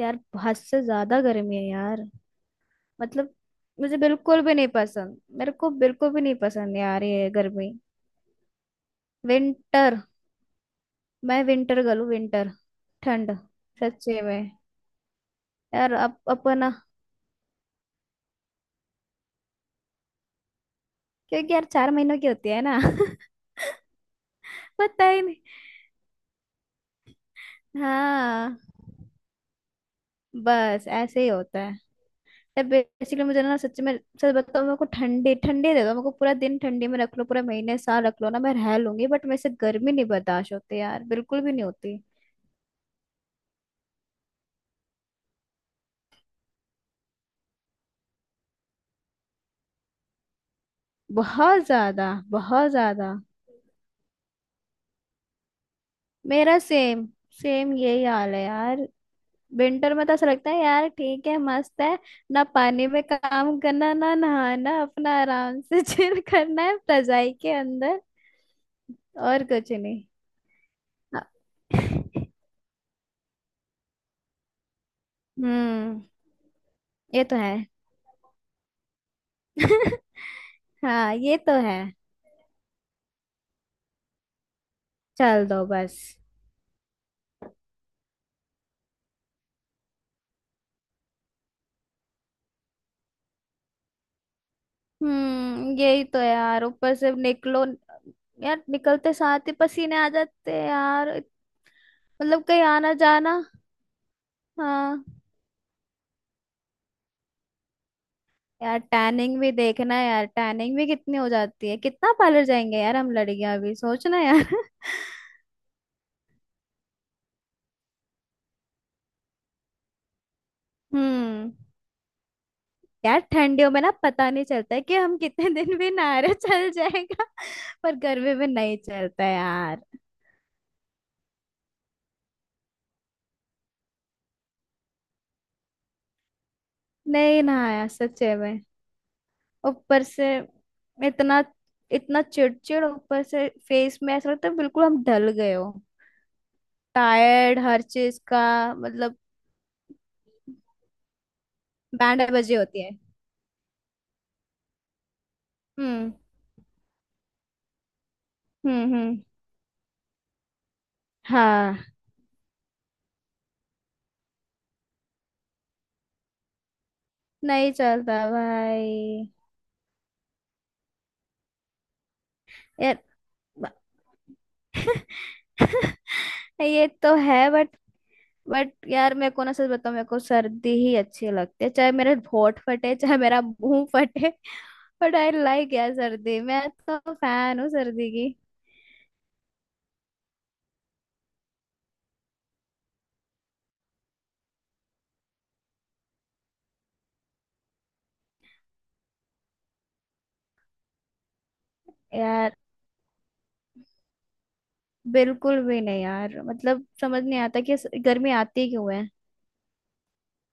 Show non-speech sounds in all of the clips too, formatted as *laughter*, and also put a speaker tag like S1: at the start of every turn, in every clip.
S1: यार, हद से ज्यादा गर्मी है यार। मतलब मुझे बिल्कुल भी नहीं पसंद, मेरे को बिल्कुल भी नहीं पसंद यार ये गर्मी। विंटर। मैं विंटर गर्ल हूँ। विंटर। ठंड। सच्चे में। यार अब अपन, क्योंकि यार 4 महीनों की होती है ना *laughs* पता ही नहीं। हाँ, बस ऐसे ही होता है। तो बेसिकली मुझे ना सच में, सच बताओ, मेरे को ठंडी ठंडी दे दो, मेरे को पूरा दिन ठंडी में रख लो, पूरा महीने साल रख लो ना, मैं रह लूंगी। बट मेरे से गर्मी नहीं बर्दाश्त होती यार, बिल्कुल भी नहीं होती। बहुत ज्यादा, बहुत ज्यादा। मेरा सेम, सेम यही हाल है यार। विंटर में तो ऐसा लगता है यार ठीक है, मस्त है। ना पानी में काम करना, ना नहाना, अपना आराम से *laughs* चिल करना है रजाई के अंदर, और कुछ नहीं। हाँ। हम्म। ये तो है। *laughs* हाँ, ये तो है। चल दो बस। हम्म, यही तो है यार। ऊपर से निकलो यार, निकलते साथ ही पसीने आ जाते हैं यार। मतलब कहीं आना जाना। हाँ। यार टैनिंग भी देखना है यार, टैनिंग भी कितनी हो जाती है, कितना पार्लर जाएंगे यार हम लड़कियां, अभी सोचना यार *laughs* हम्म। यार ठंडियों में ना पता नहीं चलता है कि हम कितने दिन भी नहारे चल जाएगा *laughs* पर गर्मी में नहीं चलता यार। नहीं नहाया सच्चे में, ऊपर से इतना, इतना चिड़चिड़। ऊपर से फेस में ऐसा लगता है बिल्कुल हम ढल गए हो, टायर्ड हर चीज का। मतलब बैंड बजे होती है। हम्म। हम्म। हम्म। हाँ। नहीं चलता भाई यार *laughs* ये तो है बट, यार मेरे को ना सच बताऊं, मेरे को सर्दी ही अच्छी लगती है, चाहे मेरे होंठ फटे, चाहे मेरा मुंह फटे *laughs* बट आई लाइक यार सर्दी, मैं तो फैन हूँ सर्दी की। यार बिल्कुल भी नहीं यार, मतलब समझ नहीं आता कि गर्मी आती क्यों है।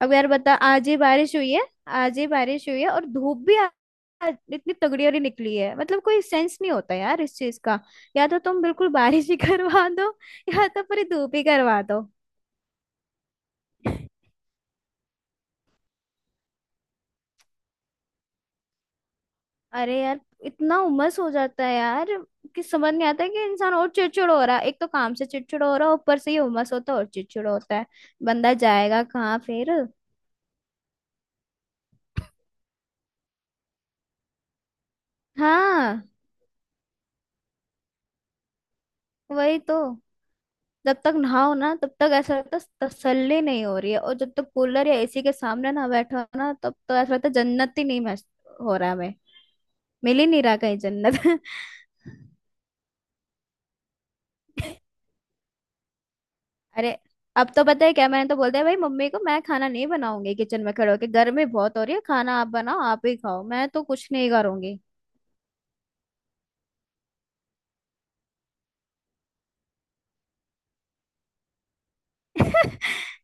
S1: अब यार बता, आज ही बारिश हुई है, आज ही बारिश हुई है और आज इतनी तगड़ी वाली निकली है, मतलब कोई सेंस नहीं होता यार इस चीज का। या तो तुम बिल्कुल बारिश ही *laughs* करवा दो, या तो पूरी धूप ही करवा दो। अरे यार, इतना उमस हो जाता है यार कि समझ नहीं आता, कि इंसान और चिड़चिड़ हो रहा है, एक तो काम से चिड़चिड़ हो रहा है, ऊपर से ये उमस होता है और चिड़चिड़ होता है। बंदा जाएगा कहाँ फिर। हाँ, वही तो। जब तक नहाओ ना तब तक ऐसा लगता है तसल्ली नहीं हो रही है, और जब तक कूलर या एसी के सामने ना बैठो ना तब तो ऐसा लगता है जन्नत ही नहीं हो रहा है, हमें मिल ही नहीं रहा कहीं जन्नत *laughs* अरे अब तो पता है क्या, मैंने तो बोल दिया भाई मम्मी को, मैं खाना नहीं बनाऊंगी, किचन में खड़े होके गर्मी बहुत हो रही है, खाना आप बनाओ, आप ही खाओ, मैं तो कुछ नहीं करूंगी। *laughs*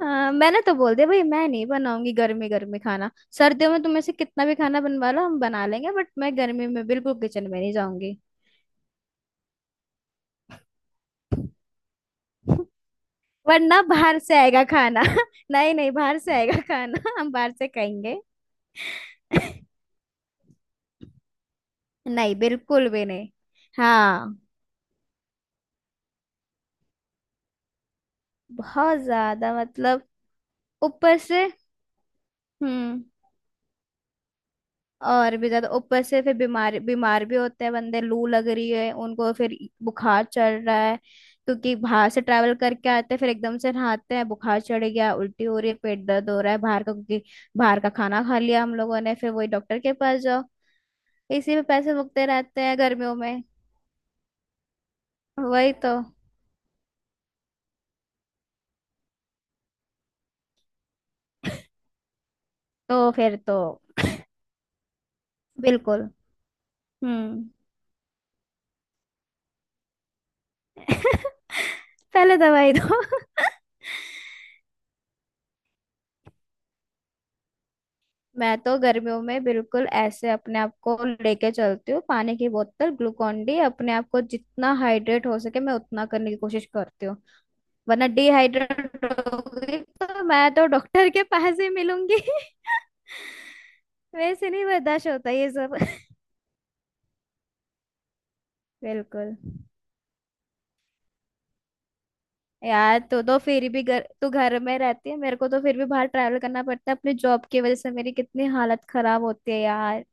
S1: हाँ, मैंने तो बोल दिया भाई, मैं नहीं बनाऊंगी गर्मी गर्मी खाना। सर्दियों में तुम ऐसे कितना भी खाना बनवा लो हम बना लेंगे, बट मैं गर्मी में बिल्कुल किचन में नहीं जाऊंगी। वरना बाहर से आएगा खाना *laughs* नहीं नहीं, बाहर से आएगा खाना *laughs* हम बाहर से खाएंगे। नहीं, बिल्कुल भी नहीं। हाँ, बहुत ज्यादा, मतलब ऊपर से। हम्म। और भी ज्यादा, ऊपर से फिर बीमार, बीमार भी होते हैं बंदे, लू लग रही है उनको, फिर बुखार चढ़ रहा है क्योंकि बाहर से ट्रैवल करके आते हैं, फिर एकदम से नहाते हैं, बुखार चढ़ गया, उल्टी हो रही है, पेट दर्द हो रहा है। बाहर का, क्योंकि बाहर का खाना खा लिया हम लोगों ने, फिर वही डॉक्टर के पास जाओ, इसी में पैसे मुकते रहते हैं गर्मियों में। वही तो फिर तो बिल्कुल। हम्म। *laughs* पहले दवाई दो *laughs* मैं तो गर्मियों में बिल्कुल ऐसे अपने आप को लेके चलती हूँ, पानी की बोतल, ग्लूकॉन डी, अपने आप को जितना हाइड्रेट हो सके मैं उतना करने की कोशिश करती हूँ। वरना डिहाइड्रेट होगी तो मैं तो डॉक्टर के पास ही मिलूंगी *laughs* वैसे नहीं बर्दाश्त होता ये सब *laughs* बिल्कुल यार, तो फिर भी घर, तू घर में रहती है, मेरे को तो फिर भी बाहर ट्रैवल करना पड़ता है अपने जॉब की वजह से, मेरी कितनी हालत खराब होती है यार।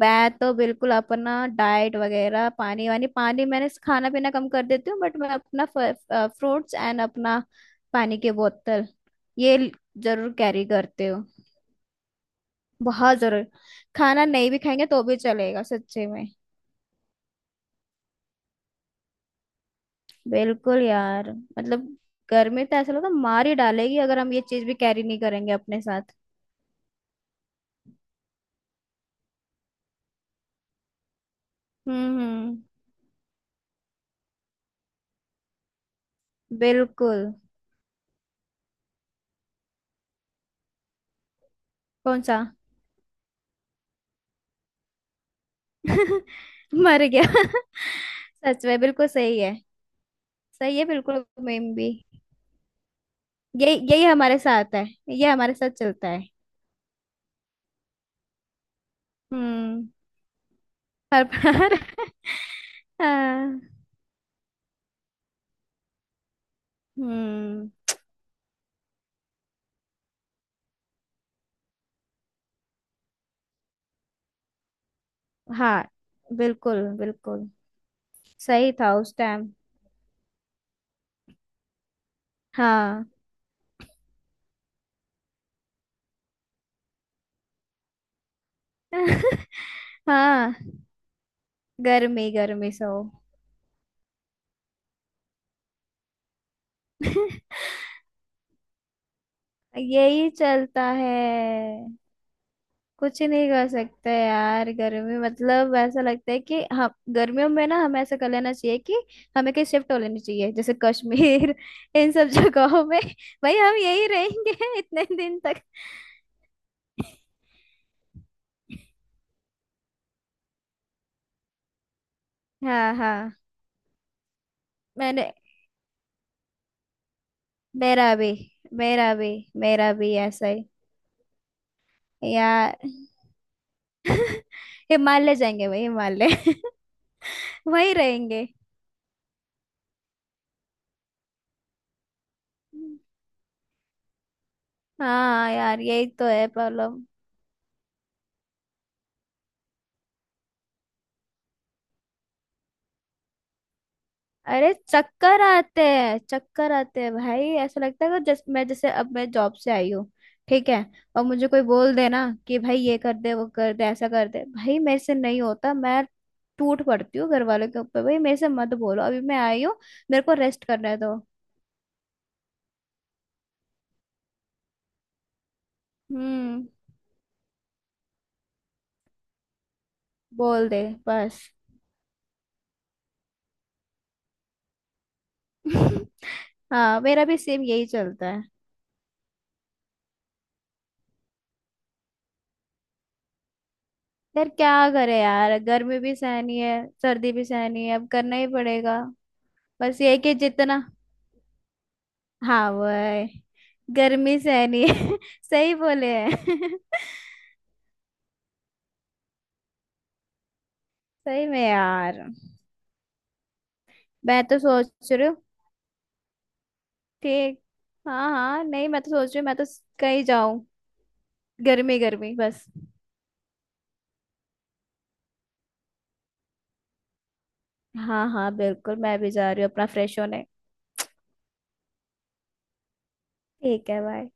S1: मैं तो बिल्कुल अपना डाइट वगैरह, पानी वानी, पानी मैंने खाना पीना कम कर देती हूँ, बट मैं अपना फ्रूट्स एंड अपना पानी की बोतल, ये ल- जरूर कैरी करती हूँ, बहुत जरूर। खाना नहीं भी खाएंगे तो भी चलेगा सच्चे में। बिल्कुल यार, मतलब गर्मी तो ऐसा लगता है मार ही डालेगी, अगर हम ये चीज भी कैरी नहीं करेंगे अपने साथ। हम्म। हम्म। बिल्कुल। कौन सा? *laughs* मर गया *laughs* सच में बिल्कुल सही है, सही है बिल्कुल, मेम भी। यही यही हमारे साथ है, ये हमारे साथ चलता है। हम्म। हर बार *laughs* हाँ, हम्म। हाँ, बिल्कुल बिल्कुल सही था उस टाइम। हाँ *laughs* हाँ, गर्मी गर्मी सो *laughs* यही चलता है। कुछ नहीं कर सकते यार, गर्मी, मतलब ऐसा लगता है कि हम, गर्मियों में ना हमें ऐसा कर लेना चाहिए कि हमें कहीं शिफ्ट हो लेनी चाहिए, जैसे कश्मीर *laughs* इन सब जगहों में। भाई हम यही रहेंगे *laughs* इतने दिन तक। हाँ हाँ, मैंने, मेरा भी, मेरा भी, मेरा भी ऐसा ही। यार हिमालय जाएंगे भाई, हिमालय *laughs* वहीं रहेंगे। हाँ यार, यही तो है प्रॉब्लम। अरे चक्कर आते हैं, चक्कर आते हैं भाई, ऐसा लगता है कि जैसे मैं, जैसे अब मैं जॉब से आई हूँ, ठीक है, और मुझे कोई बोल देना कि भाई ये कर दे, वो कर दे, ऐसा कर दे, भाई मेरे से नहीं होता, मैं टूट पड़ती हूँ घर वालों के ऊपर, भाई मेरे से मत बोलो अभी, मैं आई हूँ, मेरे को रेस्ट करने दो। हम्म। बोल दे बस। *laughs* हाँ, मेरा भी सेम यही चलता है। यार क्या करे यार, गर्मी भी सहनी है, सर्दी भी सहनी है, अब करना ही पड़ेगा। बस ये है कि जितना, हाँ वो है। गर्मी सहनी है *laughs* सही बोले हैं *laughs* सही में यार। मैं तो सोच रही हूँ। ठीक। हाँ हाँ, नहीं मैं तो सोच रही हूँ, मैं तो कहीं जाऊँ, गर्मी गर्मी बस। हाँ हाँ बिल्कुल, मैं भी जा रही हूँ अपना फ्रेश होने। ठीक है बाय।